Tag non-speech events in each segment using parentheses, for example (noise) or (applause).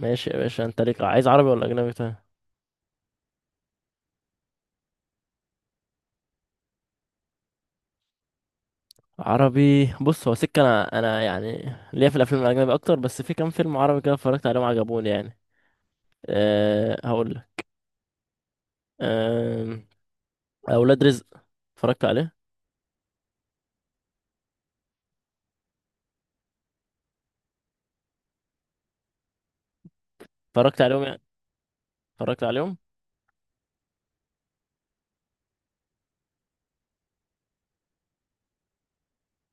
ماشي يا باشا، انت ليك عايز عربي ولا اجنبي؟ طيب عربي. بص، هو سكه انا يعني ليا في الافلام الاجنبي اكتر، بس في كام فيلم عربي كده اتفرجت عليهم عجبوني يعني. أه هقول لك. أه، اولاد رزق. اتفرجت عليه. اتفرجت عليهم يعني، اتفرجت عليهم.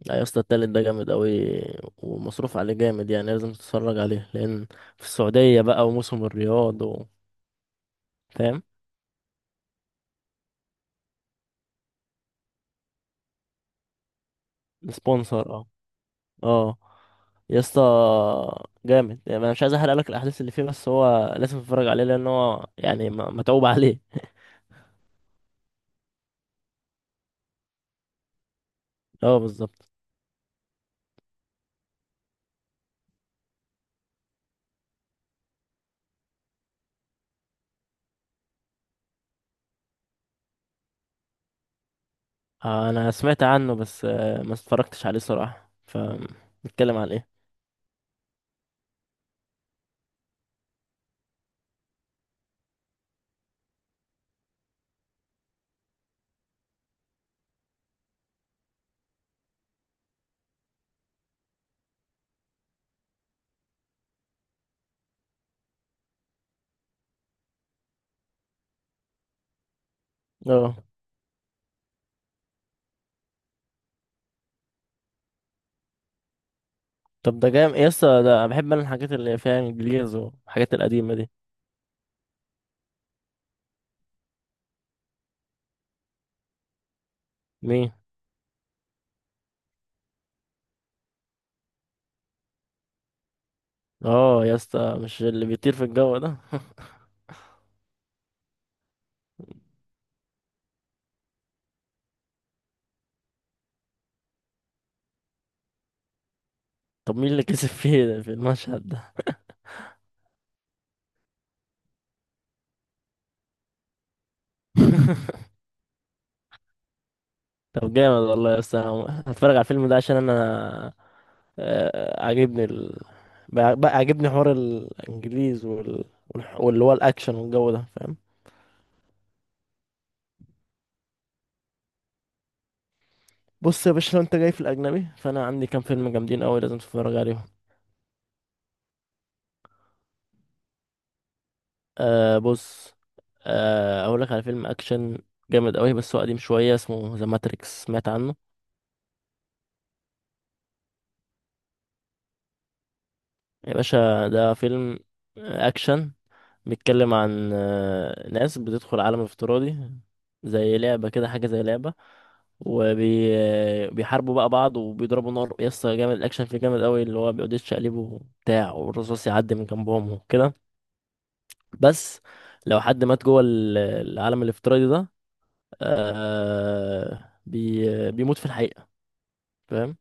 لا يا اسطى، التالت ده جامد قوي ومصروف عليه جامد، يعني لازم تتفرج عليه. لان في السعوديه بقى وموسم الرياض و... فاهم؟ سبونسر، اه. اه يا اسطى، جامد يعني. انا مش عايز احرق لك الاحداث اللي فيه، بس هو لازم تتفرج عليه لان هو يعني متعوب (laughs) عليه. اه بالظبط. انا سمعت عنه، بس ما اتفرجتش عليه صراحه. فنتكلم عن ايه؟ اه. طب ده جامد يا اسطى، ده أنا بحب الحاجات اللي فيها انجليز والحاجات القديمه دي. مين؟ اه يا اسطى، مش اللي بيطير في الجو ده؟ (laughs) طب مين اللي كسب فيه ده في المشهد ده؟ (laughs) طب جامد والله يا اسطى، أنا هتفرج على الفيلم ده عشان انا، عاجبني ال... بقى عاجبني حوار الانجليز وال... واللي هو الاكشن والجو ده، فاهم؟ بص يا باشا، لو انت جاي في الاجنبي فانا عندي كام فيلم جامدين قوي لازم تتفرج عليهم. آه بص، آه اقول لك على فيلم اكشن جامد قوي بس هو قديم شويه، اسمه ذا ماتريكس. سمعت عنه؟ يا باشا، ده فيلم اكشن بيتكلم عن ناس بتدخل عالم افتراضي زي لعبة كده، حاجة زي لعبة. وبيحاربوا بقى بعض وبيضربوا نار. يسطا جامد، الأكشن فيه جامد قوي، اللي هو بيقعد يتشقلب وبتاع والرصاص يعدي من جنبهم وكده. بس لو حد مات جوه العالم الافتراضي ده، آه بيموت في الحقيقة، فاهم؟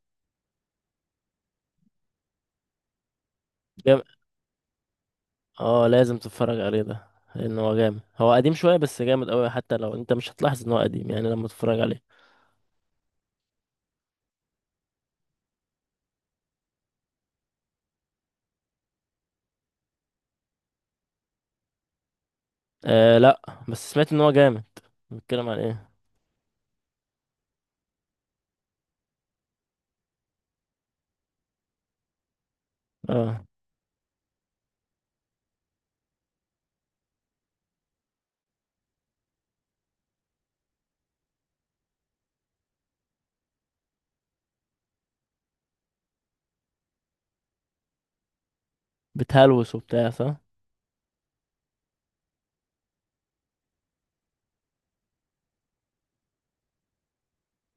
جام- اه لازم تتفرج عليه ده، لأن هو جامد. هو قديم شوية بس جامد قوي، حتى لو انت مش هتلاحظ ان هو قديم يعني لما تتفرج عليه. آه لا، بس سمعت ان هو جامد. بيتكلم عن ايه؟ اه بتهلوس وبتاع، صح؟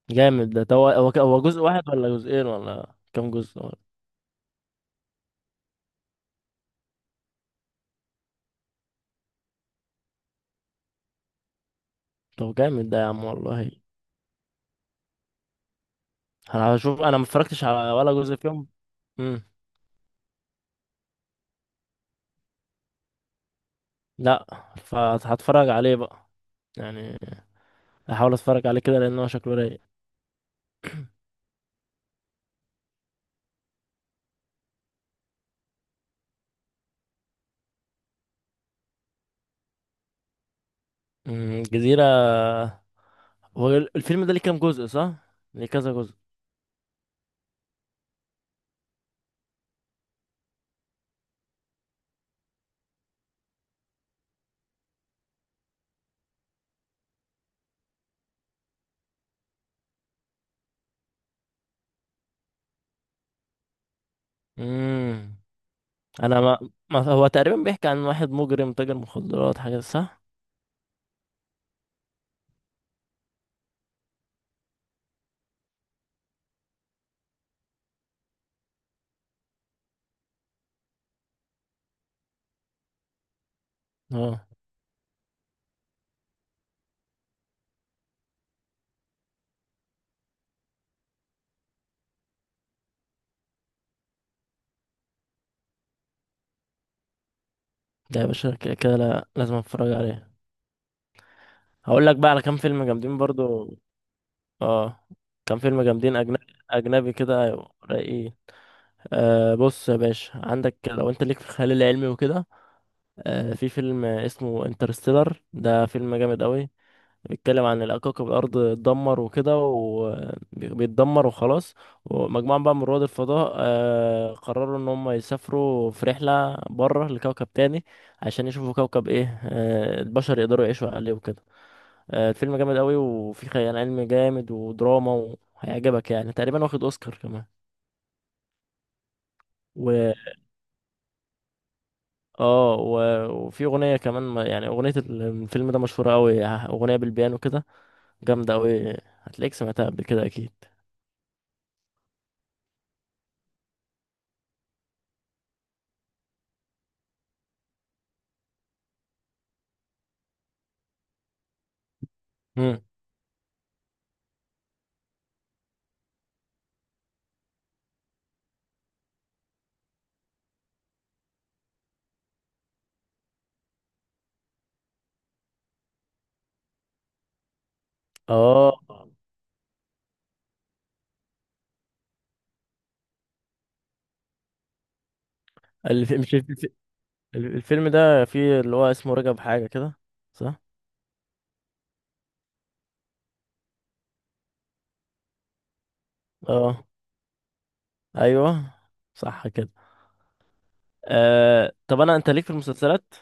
جامد ده. طب هو هو هو جزء واحد ولا جزئين ولا كام جزء ولا؟ طب جامد ده يا عم والله. انا هشوف، انا ما اتفرجتش على ولا جزء فيهم. امم. لا. فهتفرج عليه بقى يعني، هحاول اتفرج عليه كده لان هو شكله رايق. امم، الجزيرة. هو الفيلم ده ليه كام جزء، صح؟ ليه كذا جزء. امم، انا ما... ما هو تقريبا بيحكي عن واحد مجرم تاجر مخدرات حاجة، صح؟ اه. ده يا باشا كده كده لازم اتفرج عليه. هقول لك بقى على كام فيلم جامدين برضو. اه. كام فيلم جامدين اجنبي، اجنبي كده، أيوة، رايقين. آه بص يا باشا، عندك لو انت ليك في الخيال العلمي وكده، آه في فيلم اسمه انترستيلر، ده فيلم جامد قوي. بيتكلم عن إن كوكب الأرض اتدمر وكده وبيتدمر وخلاص، ومجموعة بقى من رواد الفضاء قرروا إن هم يسافروا في رحلة بره لكوكب تاني عشان يشوفوا كوكب إيه البشر يقدروا يعيشوا عليه وكده. الفيلم جامد قوي وفيه خيال علمي جامد ودراما، وهيعجبك يعني. تقريبا واخد أوسكار كمان. و، اه و... وفي أغنية كمان يعني أغنية الفيلم ده مشهورة قوي، أغنية بالبيانو كده، جامدة قوي. هتلاقيك سمعتها قبل كده أكيد. اه. الف... مش الف... الف- الفيلم ده فيه اللي هو اسمه رجب حاجة كده، صح؟ اه ايوه، صح كده. آه... طب انا، انت ليك في المسلسلات؟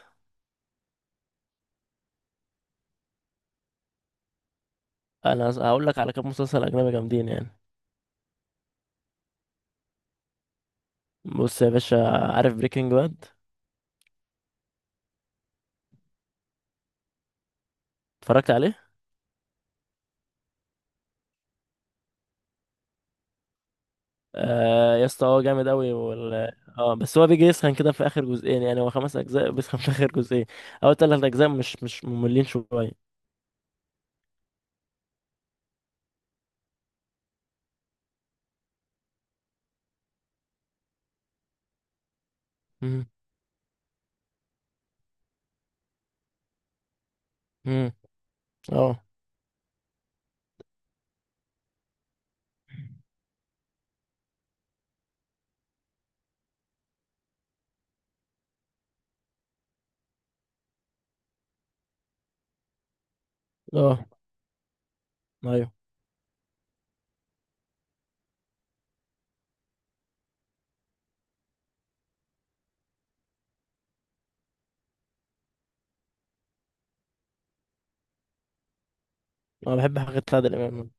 انا هقول لك على كام مسلسل اجنبي جامدين يعني. بص يا باشا، عارف بريكنج باد؟ اتفرجت عليه؟ آه يا اسطى، هو جامد قوي وال... اه بس هو بيجي يسخن كده في اخر جزئين، يعني هو 5 اجزاء بيسخن في اخر جزئين. اول 3 اجزاء مش، مش مملين شويه. امم. امم. اه. اه ايوه، انا بحب حاجات عادل امام.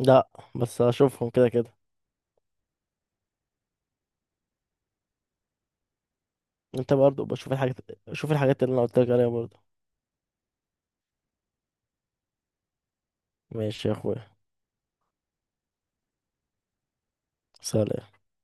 لا بس اشوفهم كده كده. انت برضو بشوف الحاجات، شوف الحاجات اللي انا قلت لك عليها برضو. ماشي يا اخويا. سلام.